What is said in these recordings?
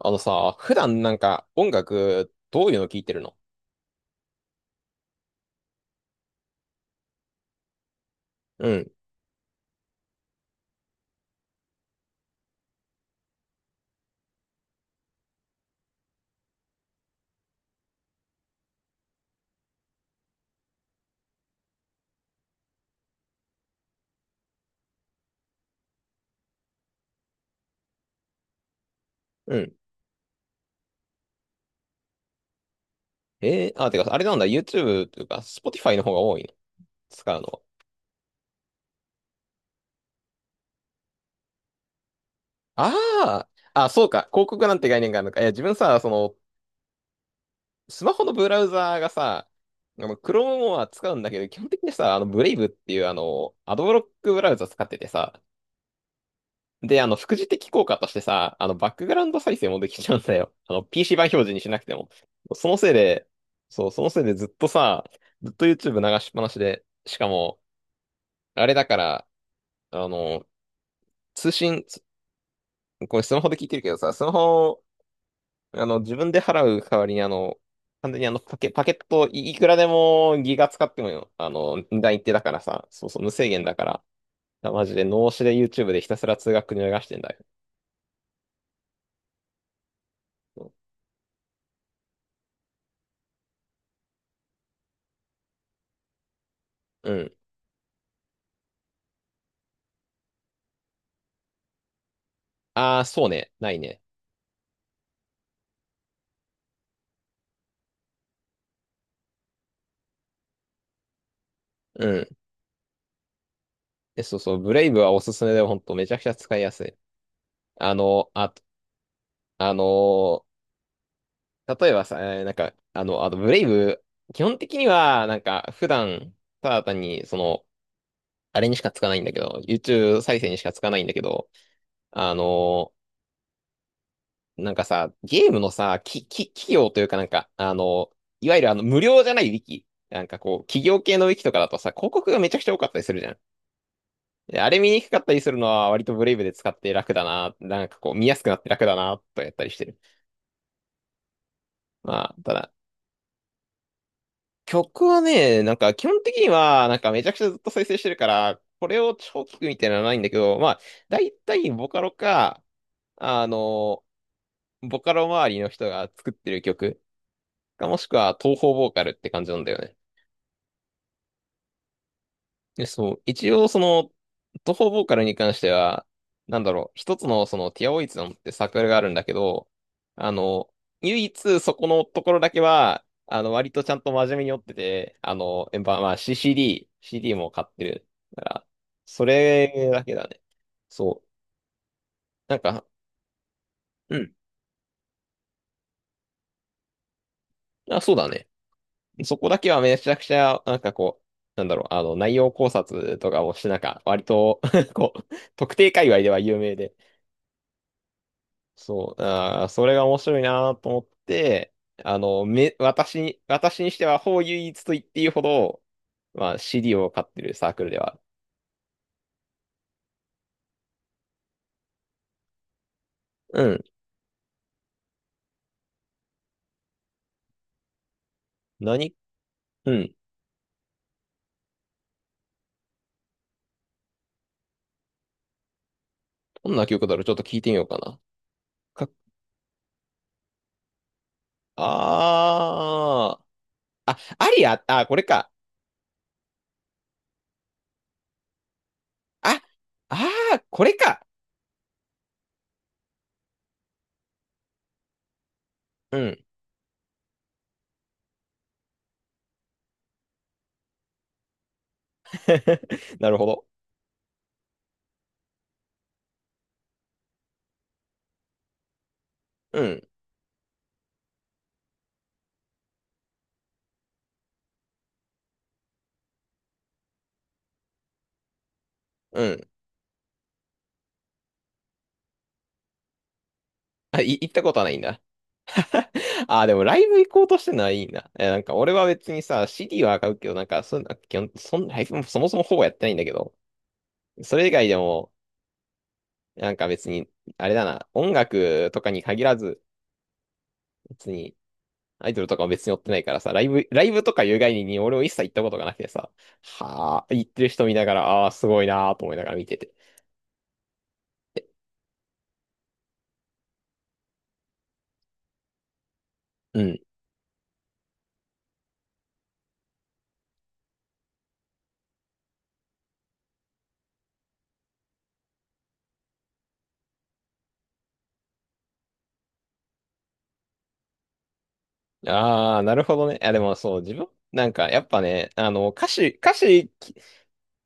あのさ、普段なんか音楽どういうの聞いてるの？うん、うん。あ、てか、あれなんだ、YouTube というか、Spotify の方が多いの？使うのは。ああ、あ、そうか、広告なんて概念があるのか。いや、自分さ、その、スマホのブラウザーがさ、Chrome は使うんだけど、基本的にさ、Brave っていう、アドブロックブラウザ使っててさ。で、副次的効果としてさ、バックグラウンド再生もできちゃうんだよ。PC 版表示にしなくても。そのせいで、そう、そのせいでずっとさ、ずっと YouTube 流しっぱなしで、しかも、あれだから、あの、通信、つこれスマホで聞いてるけどさ、スマホを、自分で払う代わりに、完全にあの、パケ、パケットい、いくらでもギガ使ってもよ、あの、値段一定だからさ、そうそう、無制限だから、マジで脳死で YouTube でひたすら通学に流してんだよ。うん。ああ、そうね、ないね。うん。そうそう、ブレイブはおすすめで、ほんとめちゃくちゃ使いやすい。あの、あ、あの、例えばさ、なんか、あとブレイブ、基本的には、なんか、普段、ただ単に、その、あれにしかつかないんだけど、YouTube 再生にしかつかないんだけど、あの、なんかさ、ゲームのさ、企業というかなんか、いわゆる無料じゃないウィキ。なんかこう、企業系のウィキとかだとさ、広告がめちゃくちゃ多かったりするじゃん。であれ見にくかったりするのは割とブレイブで使って楽だな。なんかこう見やすくなって楽だな、とやったりしてる。まあ、ただ、曲はね、なんか基本的にはなんかめちゃくちゃずっと再生してるから、これを超聞くみたいなのはないんだけど、まあ、だいたいボカロか、あの、ボカロ周りの人が作ってる曲か、もしくは東方ボーカルって感じなんだよね。で、そう、一応その、東方ボーカルに関しては、なんだろう、一つのそのティアオイツのってサークルがあるんだけど、あの、唯一そこのところだけは、割とちゃんと真面目に追ってて、あの、えまあ、まあ CD も買ってるから、それだけだね。そう。なんか、うん。あ、そうだね。そこだけはめちゃくちゃ、なんかこう、なんだろう、内容考察とかもして、なんか、割と こう、特定界隈では有名で、そう、あー、それが面白いなと思って、あの、め、私に、私にしては、ほう唯一と言っていいほど、まあ、CD を買ってるサークルではある。うん。何？うん。どんな曲だろうちょっと聞いてみようかな。か、あー。あ、アリア、あ、これか。あ、あー、これか。うん。なるほど。うん。うん。あ、行ったことはないんだ。ああ、でもライブ行こうとしてるのはいいな。え、なんか俺は別にさ、CD は買うけど、なんかそんな、基本、ライブもそもそもほぼやってないんだけど、それ以外でも、なんか別に、あれだな、音楽とかに限らず、別に、アイドルとかも別に追ってないからさ、ライブとかいう概念に俺も一切行ったことがなくてさ、はあ、行ってる人見ながら、ああ、すごいなーと思いながら見てて。うん。ああ、なるほどね。いや、でもそう、自分、なんかやっぱね、歌詞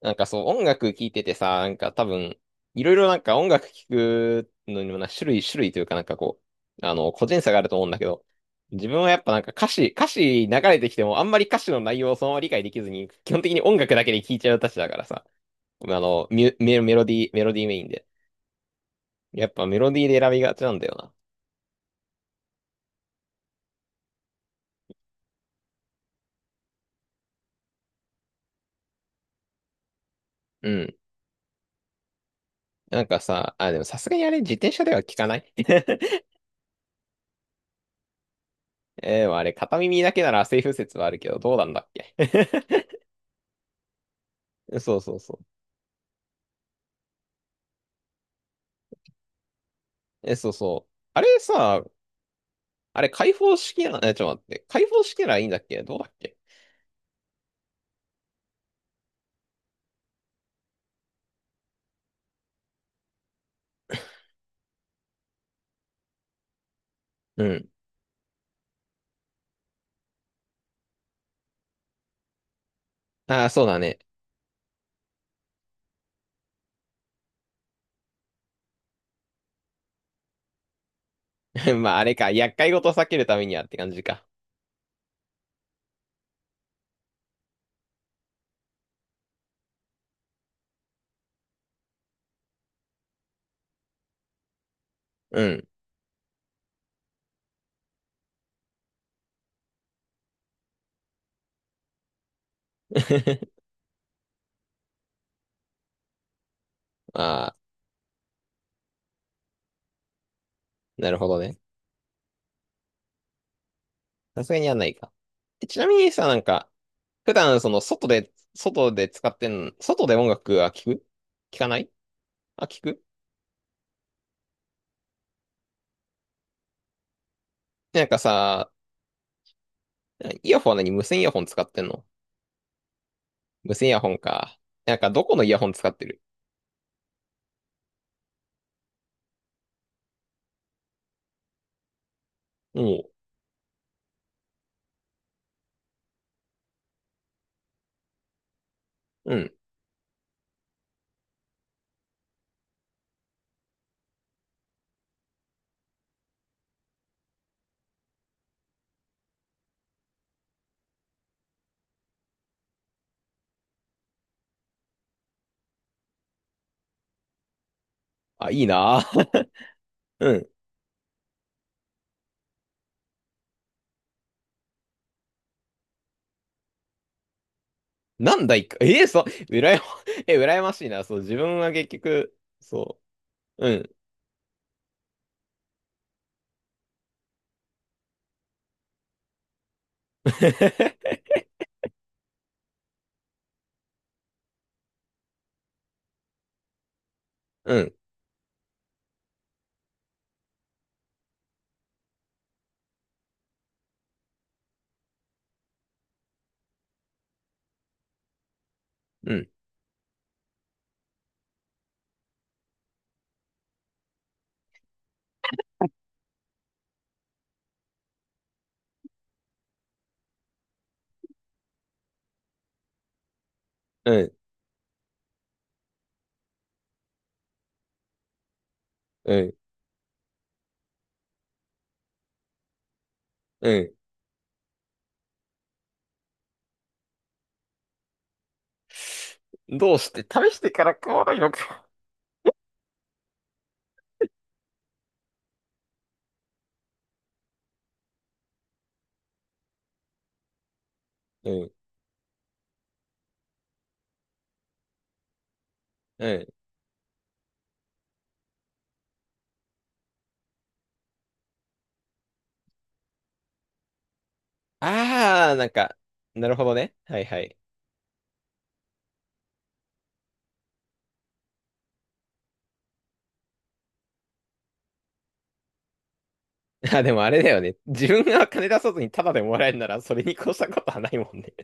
なんかそう、音楽聴いててさ、なんか多分、いろいろなんか音楽聴くのにもな、種類というかなんかこう、個人差があると思うんだけど、自分はやっぱなんか歌詞流れてきてもあんまり歌詞の内容をそのまま理解できずに、基本的に音楽だけで聴いちゃうたちだからさ、あの、ミュメ、メロディー、メロディーメインで。やっぱメロディーで選びがちなんだよな。うん。なんかさ、あ、でもさすがにあれ自転車では聞かない。 でもあれ片耳だけならセーフ説はあるけど、どうなんだっけ？ そうそうそう。そうそう。あれさ、あれ開放式な、ちょっと待って。開放式ならいいんだっけ？どうだっけ？うん。ああ、そうだね。まあ、あれか。厄介事を避けるためにはって感じか。うん。ああ、なるほどね。さすがにやんないか。ちなみにさ、なんか、普段その外で、外で使ってん、外で音楽は聞く？聞かない？あ、聞く。なんかさ、イヤホンは何？無線イヤホン使ってんの？無線イヤホンか。なんかどこのイヤホン使ってる？もう、うん。あ、いいなぁ。うん、なんだいか、ええそう、うらやま、羨ましいな。そう、自分は結局、そう、うん。うん、うん、うん、うん、うん。どうして、試してから買わないのか。うん、うん。ああ、なんか、なるほどね。はいはい。あ、でもあれだよね。自分が金出さずにタダでもらえるなら、それに越したことはないもんね。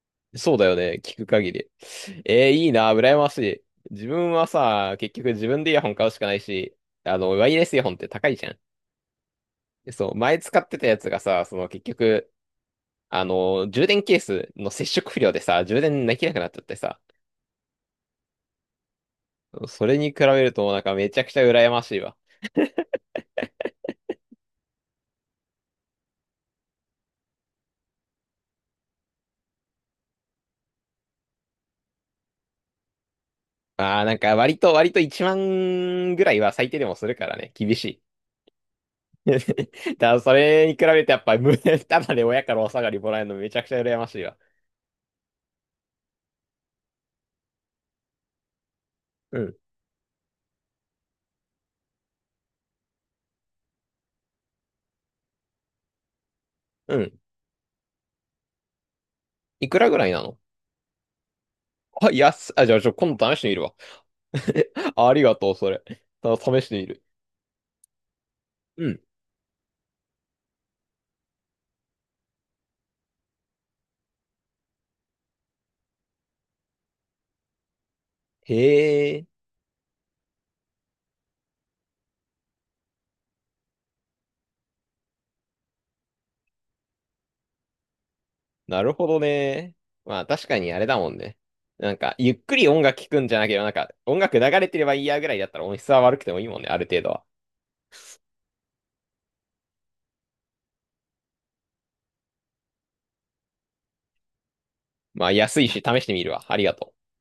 そうだよね。聞く限り。いいな、羨ましい。自分はさ、結局自分でイヤホン買うしかないし、ワイヤレスイヤホンって高いじゃん。そう、前使ってたやつがさ、その結局、充電ケースの接触不良でさ、充電できなくなっちゃってさ。それに比べるとなんかめちゃくちゃ羨ましいわ。ああ、なんか割と1万ぐらいは最低でもするからね、厳しい。だからそれに比べてやっぱただで親からお下がりもらえるのめちゃくちゃ羨ましいわ。うん。うん。いくらぐらいなの？あ、安っ、あ、じゃあ、今度試してみるわ。ありがとう、それ。試してみる。うん。へえ。なるほどね。まあ確かにあれだもんね。なんか、ゆっくり音楽聴くんじゃなければ、なんか、音楽流れてればいいやぐらいだったら音質は悪くてもいいもんね、ある程度は。まあ安いし試してみるわ。ありがとう。